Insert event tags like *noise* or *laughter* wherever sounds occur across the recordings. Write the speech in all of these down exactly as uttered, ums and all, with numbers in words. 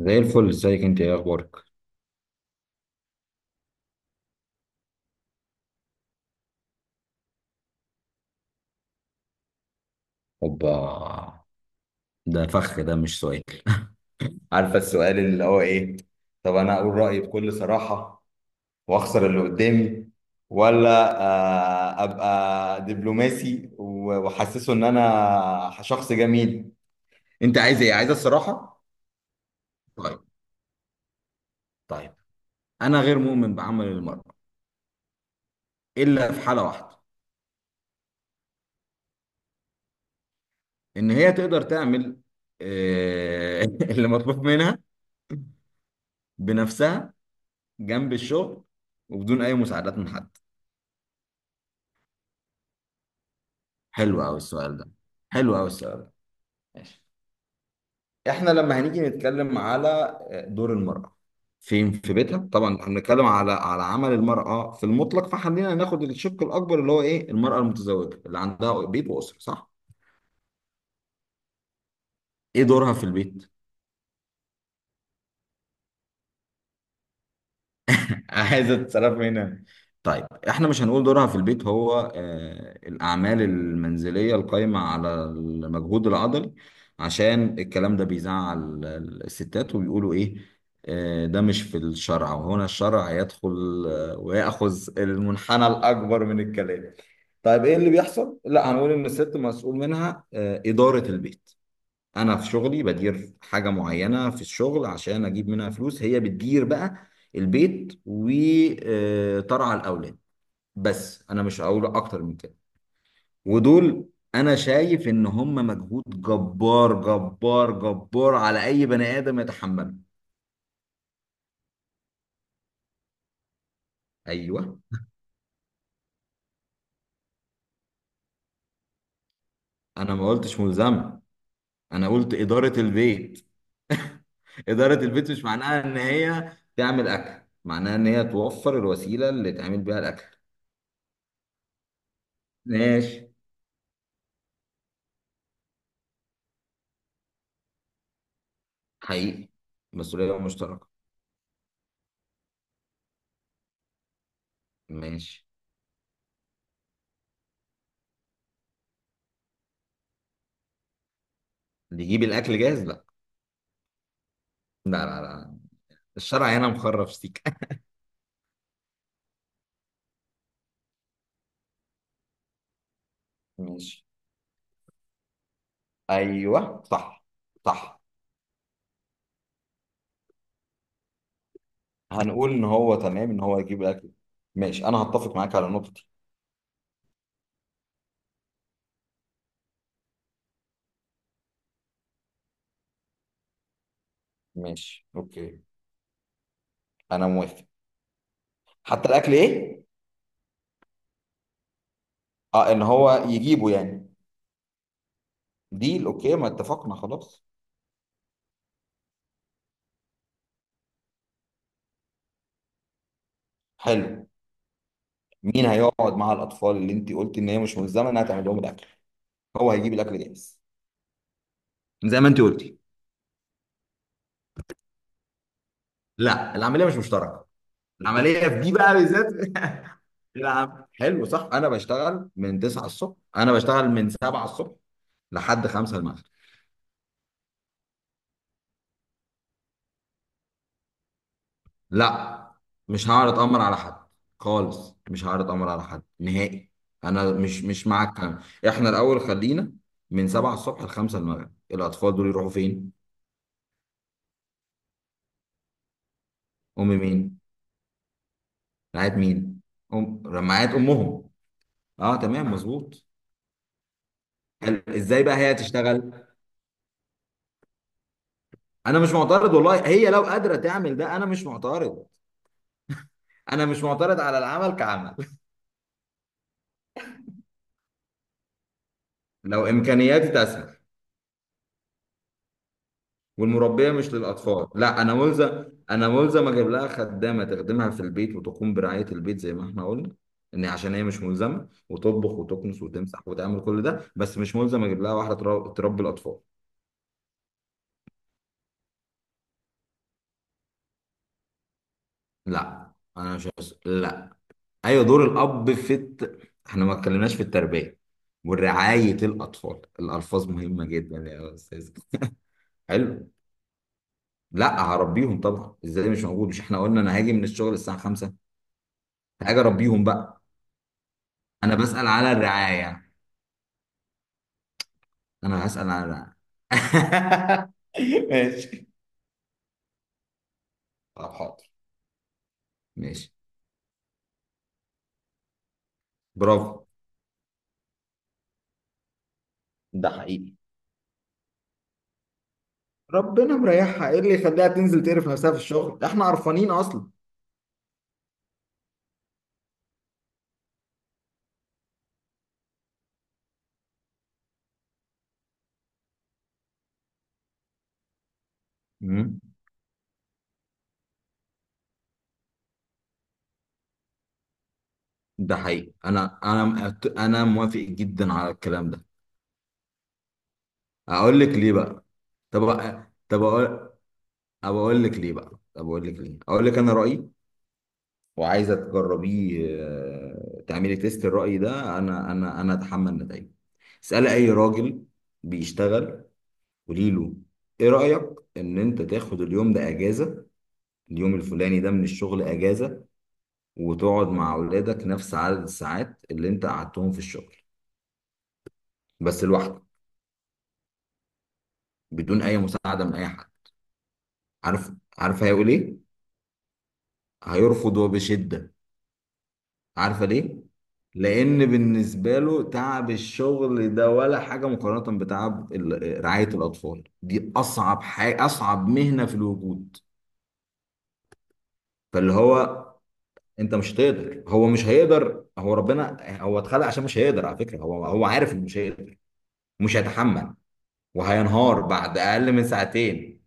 زي الفل، ازيك؟ انت ايه اخبارك؟ اوبا! ده فخ، ده مش سؤال. *laughs* عارفه السؤال اللي هو ايه. طب انا اقول رايي بكل صراحه واخسر اللي قدامي، ولا آه، ابقى دبلوماسي و- واحسسه ان انا شخص جميل؟ انت عايز ايه؟ عايز الصراحه؟ طيب. طيب. انا غير مؤمن بعمل المرأة، الا في حاله واحده: ان هي تقدر تعمل آه، *laughs* اللي مطلوب منها بنفسها، جنب الشغل، وبدون اي مساعدات من حد. حلو قوي السؤال ده. حلو قوي السؤال ده. ماشي. احنا لما هنيجي نتكلم على دور المرأة، فين؟ في بيتها طبعا. احنا بنتكلم على على عمل المرأة آه، في المطلق، فخلينا ناخد الشق الأكبر، اللي هو إيه؟ المرأة المتزوجة اللي عندها بيت وأسرة، صح؟ إيه دورها في البيت؟ *laughs* عايزه تتصرف هنا. طيب، احنا مش هنقول دورها في البيت هو آه، الاعمال المنزليه القائمه على المجهود العضلي، عشان الكلام ده بيزعل الستات، وبيقولوا ايه؟ آه، ده مش في الشرع، وهنا الشرع يدخل آه، ويأخذ المنحنى الأكبر من الكلام. طيب ايه اللي بيحصل؟ لا، هنقول ان الست مسؤول منها آه، إدارة البيت. انا في شغلي بدير حاجه معينه في الشغل عشان اجيب منها فلوس، هي بتدير بقى البيت وترعى الاولاد. بس انا مش هقول اكتر من كده. ودول انا شايف ان هم مجهود جبار جبار جبار على اي بني ادم يتحمله. ايوه، انا ما قلتش ملزمه، انا قلت اداره البيت. *laughs* اداره البيت مش معناها ان هي تعمل اكل، معناها ان هي توفر الوسيله اللي تعمل بيها الاكل. ماشي. حقيقي. مسؤوليه مشتركه. ماشي. بيجيب الاكل جاهز؟ لا، لا، لا، لا، الشرع هنا مخرف سيك. *laughs* ماشي. ايوه، صح. صح. هنقول ان هو تمام، ان هو يجيب الاكل. ماشي. انا هتفق معاك على النقطه دي. ماشي، اوكي. انا موافق. حتى الاكل ايه؟ اه، ان هو يجيبه يعني. ديل اوكي، ما اتفقنا خلاص. حلو. مين هيقعد مع الاطفال، اللي انت قلت ان هي مش ملزمه انها تعمل لهم الاكل؟ هو هيجيب الاكل جاهز زي ما انت قلتي. لا، العمليه مش مشتركه، العمليه في دي بقى بالذات. *laughs* العم- حلو صح، انا بشتغل من تسعة الصبح، انا بشتغل من سبعة الصبح لحد خمسة المغرب. لا، مش هعرض امر على حد خالص، مش هعرض امر على حد نهائي. انا مش مش مع الكلام. احنا الاول خلينا. من سبعة الصبح ل خمسة المغرب، الاطفال دول يروحوا فين؟ ام مين؟ رعايه مين؟ ام؟ رعايه امهم؟ اه، تمام، مظبوط. حلو. ازاي بقى هي تشتغل؟ انا مش معترض والله، هي لو قادره تعمل ده انا مش معترض. انا مش معترض على العمل كعمل، لو امكانياتي تسمح. والمربيه مش للاطفال، لا انا ملزم، انا ملزم اجيب لها خدامه تخدمها في البيت وتقوم برعايه البيت زي ما احنا قلنا، ان عشان هي مش ملزمه وتطبخ وتكنس وتمسح وتعمل كل ده. بس مش ملزم اجيب لها واحده ترا- تربي الاطفال. لا، انا مش هس- لا. ايوه دور الاب في الت... احنا ما اتكلمناش في التربيه ورعايه الاطفال. الالفاظ مهمه جدا يا استاذ. حلو. لا، هربيهم طبعا. ازاي مش موجود؟ مش احنا قلنا انا هاجي من الشغل الساعه خمسة؟ هاجي اربيهم بقى. انا بسأل على الرعايه يعني. انا هسأل على الرعايه. *laughs* ماشي. طب حاضر. ماشي. برافو. ده حقيقي، ربنا مريحها، ايه اللي يخليها تنزل تقرف نفسها في الشغل؟ احنا قرفانين اصلا. مم. ده حقيقي. انا انا مقت- انا موافق جدا على الكلام ده. اقول لك ليه بقى؟ طب أ- طب اقول طب اقول لك ليه بقى طب اقول لك ليه، اقول لك انا رأيي، وعايزه تجربيه آه، تعملي تيست الرأي ده، انا انا انا اتحمل نتائجه. اسالي اي راجل بيشتغل، قولي له: ايه رأيك ان انت تاخد اليوم ده اجازة، اليوم الفلاني ده من الشغل اجازة، وتقعد مع اولادك نفس عدد الساعات اللي انت قعدتهم في الشغل، بس لوحدك، بدون اي مساعدة من اي حد. عارف عارف هيقول ايه؟ هيرفض وبشدة. عارفة ليه؟ لأن بالنسبة له تعب الشغل ده ولا حاجة، مقارنة بتعب ال- رعاية الأطفال. دي أصعب حاجة، أصعب مهنة في الوجود. فاللي هو أنت مش هتقدر هو مش هيقدر، هو ربنا هو اتخلق عشان مش هيقدر. على فكرة هو هو عارف إنه مش هيقدر، مش هيتحمل، وهينهار بعد أقل من ساعتين.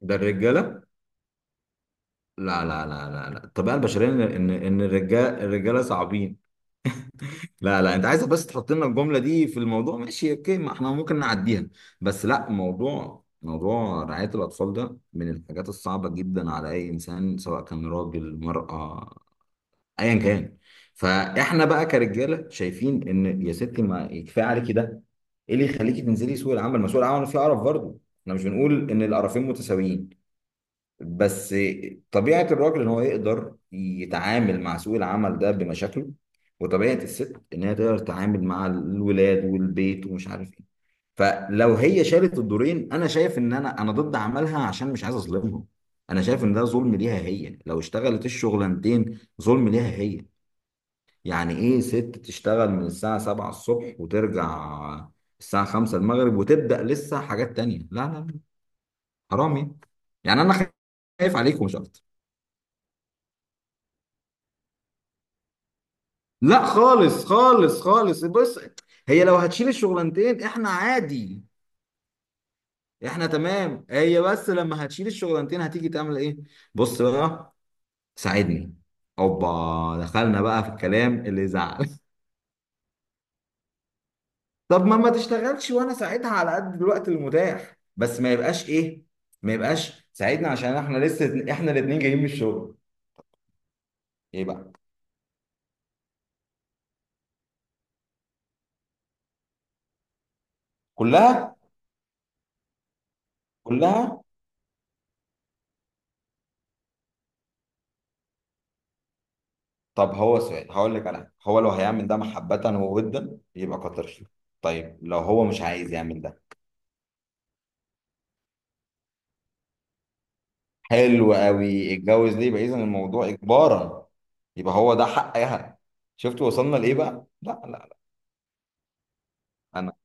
ده الرجالة. لا، لا، لا، لا، لا، الطبيعة البشرية إن إن إن الرجال الرجالة صعبين. لا، لا، انت عايزك بس تحط لنا الجمله دي في الموضوع. ماشي اوكي، ما احنا ممكن نعديها. بس لا، موضوع موضوع رعايه الاطفال ده من الحاجات الصعبه جدا على اي انسان، سواء كان راجل مرأة، ايا كان. فاحنا بقى كرجاله شايفين ان يا ستي ما يكفي عليكي ده؟ ايه اللي يخليكي تنزلي سوق العمل؟ ما سوق العمل فيه قرف برضه. احنا مش بنقول ان القرفين متساويين، بس طبيعة الراجل ان هو يقدر يتعامل مع سوق العمل ده بمشاكله، وطبيعة الست ان هي تقدر تتعامل مع الولاد والبيت ومش عارف ايه. فلو هي شالت الدورين، انا شايف ان انا انا ضد عملها عشان مش عايز اظلمهم. انا شايف ان ده ظلم ليها، هي لو اشتغلت الشغلانتين، ظلم ليها هي. يعني ايه ست تشتغل من الساعة سبعة الصبح وترجع الساعة خمسة المغرب وتبدأ لسه حاجات تانية؟ لا، لا، لا، حرام يعني يعني انا خايف عليكم مش اكتر. لا، خالص خالص خالص. بص، هي لو هتشيل الشغلانتين احنا عادي، احنا تمام. هي بس لما هتشيل الشغلانتين هتيجي تعمل ايه؟ بص بقى، ساعدني. اوبا، دخلنا بقى في الكلام اللي يزعل. *laughs* طب ما ما تشتغلش، وانا ساعدها على قد الوقت المتاح. بس ما يبقاش ايه، ما يبقاش ساعدنا، عشان احنا لسه، احنا الاتنين جايين من الشغل. ايه بقى؟ كلها، كلها. طب هو سؤال هقول لك على حاجة. هو لو هيعمل ده محبة وودا يبقى كتر خيره. طيب لو هو مش عايز يعمل ده؟ حلو قوي، اتجوز ليه يبقى اذا الموضوع اجبارا؟ يبقى هو ده حقها. شفت وصلنا لايه بقى؟ لا، لا، لا، انا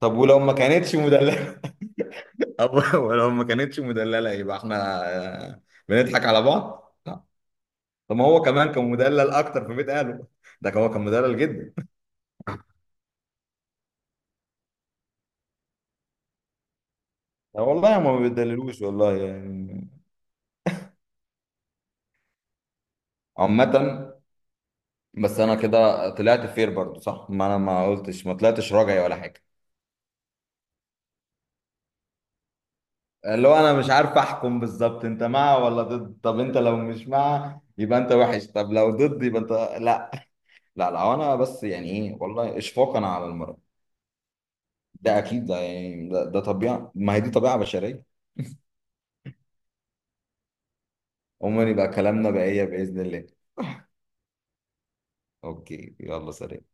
طب ولو ما كانتش مدللة؟ *laughs* أو، ولو ما كانتش مدللة يبقى احنا آه، بنضحك على بعض؟ لا. طب ما هو كمان كان مدلل اكتر في بيت اهله، ده هو كان مدلل جدا. لا والله ما بيدللوش والله يعني. عامة. بس انا كده طلعت فير برضو صح، ما انا ما قلتش ما طلعتش راجعي ولا حاجه. اللي هو انا مش عارف احكم بالظبط، انت مع ولا ضد؟ طب انت لو مش مع يبقى انت وحش، طب لو ضد يبقى انت. لا، لا، لا، هو انا بس يعني ايه والله، اشفاقا على المرأة. ده اكيد، ده يعني ده, ده طبيعه، ما هي دي طبيعه بشريه. عموما يبقى كلامنا بقية باذن الله. اوكي، يلا سلام.